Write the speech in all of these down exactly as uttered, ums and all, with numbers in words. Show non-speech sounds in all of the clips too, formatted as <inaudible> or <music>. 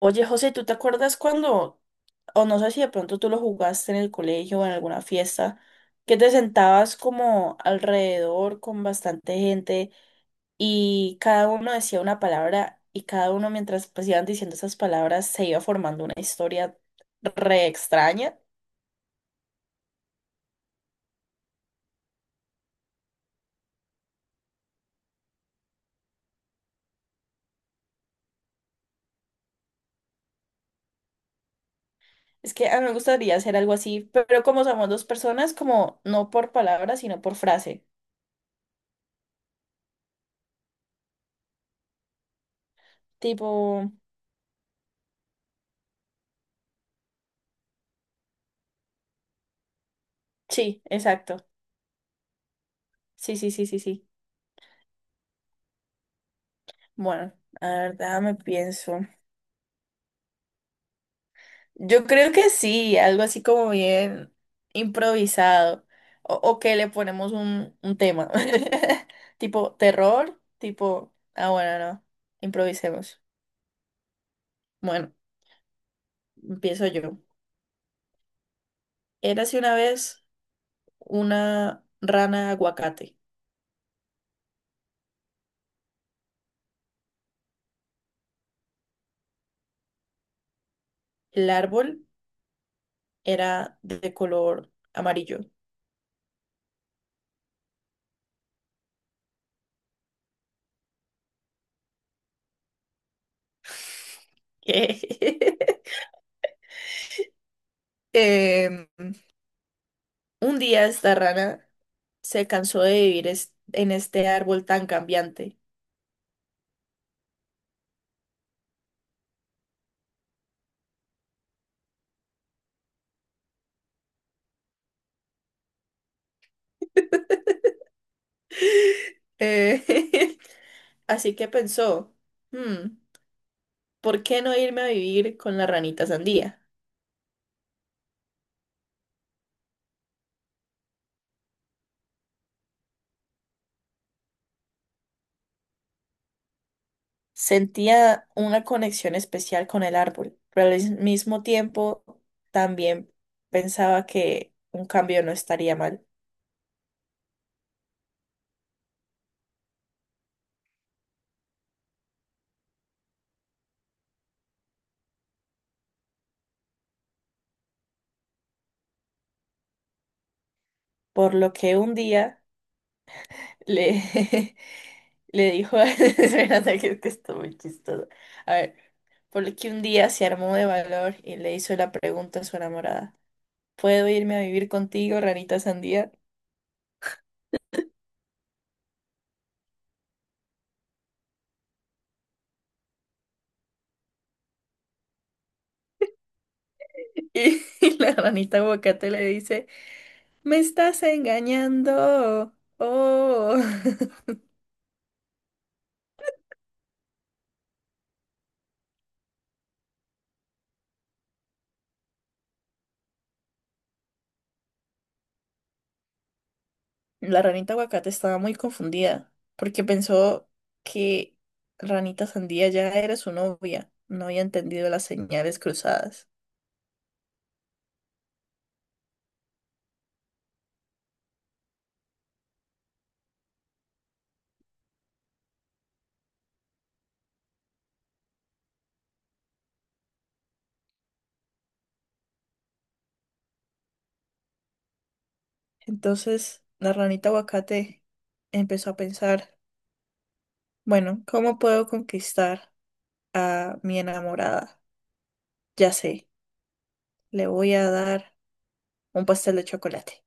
Oye, José, ¿tú te acuerdas cuando, o no sé si de pronto tú lo jugaste en el colegio o en alguna fiesta, que te sentabas como alrededor con bastante gente y cada uno decía una palabra y cada uno mientras pues iban diciendo esas palabras se iba formando una historia re extraña? Es que a mí me gustaría hacer algo así, pero como somos dos personas, como no por palabra, sino por frase. Tipo, sí, exacto. Sí, sí, sí, sí, sí. Bueno, la verdad me pienso. Yo creo que sí, algo así como bien improvisado. O, o que le ponemos un, un tema. <laughs> Tipo terror, tipo, ah, bueno, no, improvisemos. Bueno, empiezo yo. Érase una vez una rana aguacate. El árbol era de color amarillo. <laughs> Em, un día esta rana se cansó de vivir es- en este árbol tan cambiante. Eh, <laughs> Así que pensó, "Hmm, ¿por qué no irme a vivir con la ranita sandía? Sentía una conexión especial con el árbol, pero al mismo tiempo también pensaba que un cambio no estaría mal. Por lo que un día le, <laughs> le dijo, <laughs> espérate que, que esto muy chistoso. A ver, por lo que un día se armó de valor y le hizo la pregunta a su enamorada. ¿Puedo irme a vivir contigo, ranita sandía? <laughs> Y la ranita aguacate le dice, me estás engañando. Oh. <laughs> La ranita aguacate estaba muy confundida porque pensó que ranita sandía ya era su novia. No había entendido las señales cruzadas. Entonces, la ranita aguacate empezó a pensar, bueno, ¿cómo puedo conquistar a mi enamorada? Ya sé, le voy a dar un pastel de chocolate.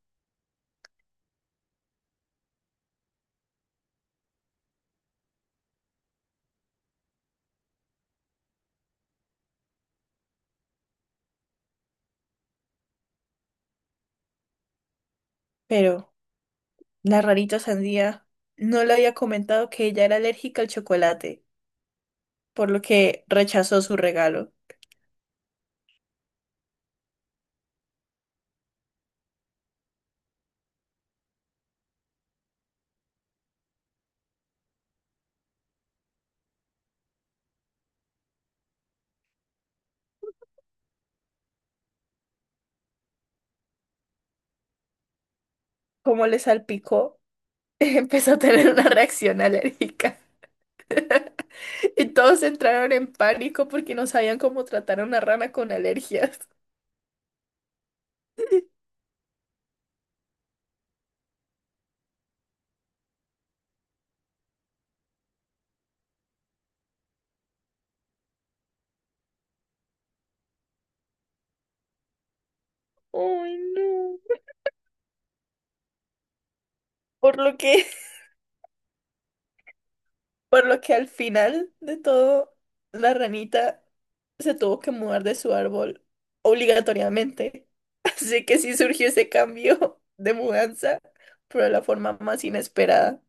Pero la rarita sandía no le había comentado que ella era alérgica al chocolate, por lo que rechazó su regalo. Como le salpicó, <laughs> empezó a tener una reacción alérgica. <laughs> Y todos entraron en pánico porque no sabían cómo tratar a una rana con alergias. Ay, no. Por lo que Por lo que al final de todo, la ranita se tuvo que mudar de su árbol obligatoriamente. <laughs> Así que sí surgió ese cambio de mudanza, pero de la forma más inesperada.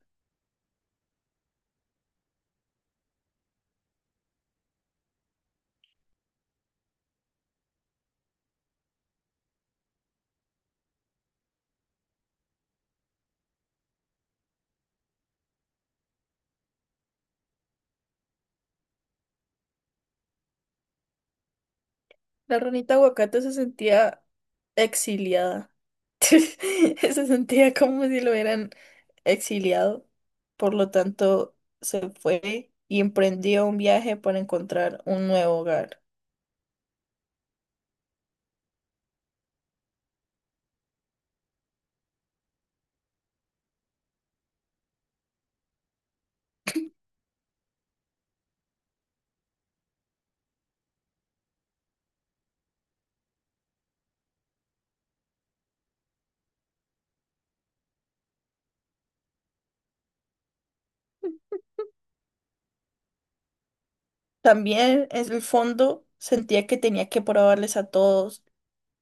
La ranita aguacate se sentía exiliada. <laughs> Se sentía como si lo hubieran exiliado. Por lo tanto, se fue y emprendió un viaje para encontrar un nuevo hogar. También en el fondo sentía que tenía que probarles a todos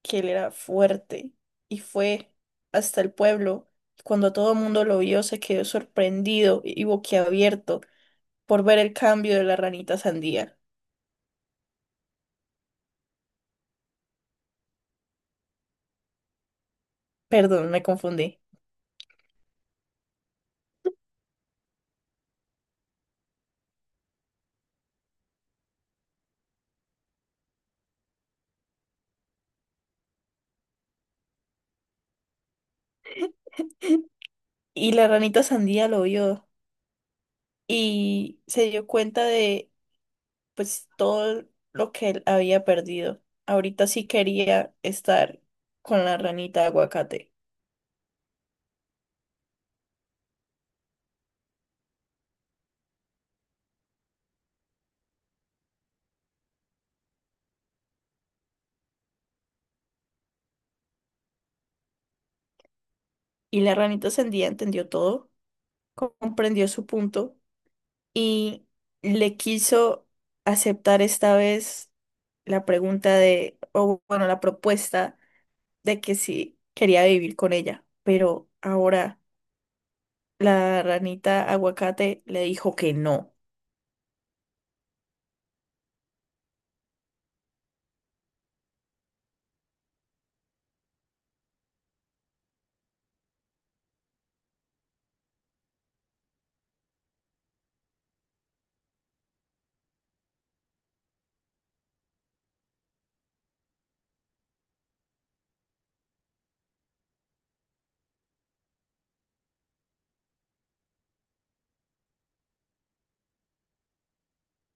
que él era fuerte y fue hasta el pueblo. Cuando todo el mundo lo vio, se quedó sorprendido y boquiabierto por ver el cambio de la ranita sandía. Perdón, me confundí. Y la ranita sandía lo vio y se dio cuenta de pues todo lo que él había perdido. Ahorita sí quería estar con la ranita de aguacate. Y la ranita sandía entendió todo, comprendió su punto y le quiso aceptar esta vez la pregunta de, o bueno, la propuesta de que sí quería vivir con ella. Pero ahora la ranita aguacate le dijo que no.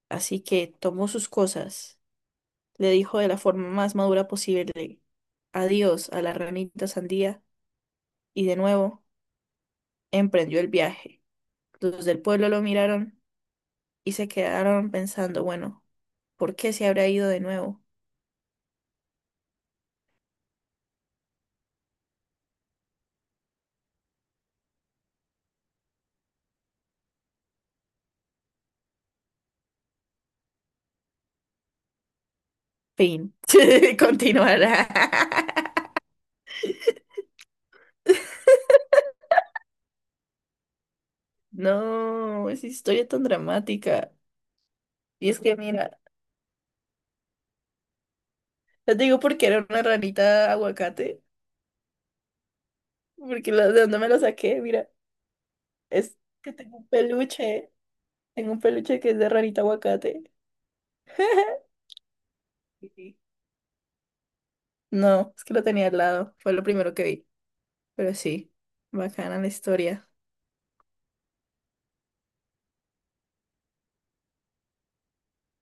Así que tomó sus cosas. Le dijo de la forma más madura posible adiós a la ranita sandía y de nuevo emprendió el viaje. Los del pueblo lo miraron y se quedaron pensando, bueno, ¿por qué se habrá ido de nuevo? Fin. <laughs> Continuará. No, es historia tan dramática. Y es que, mira, les digo porque era una ranita aguacate, porque la- de dónde me lo saqué, mira, es que tengo un peluche, tengo un peluche que es de ranita aguacate. <laughs> No, es que lo tenía al lado. Fue lo primero que vi. Pero sí, bacana la historia.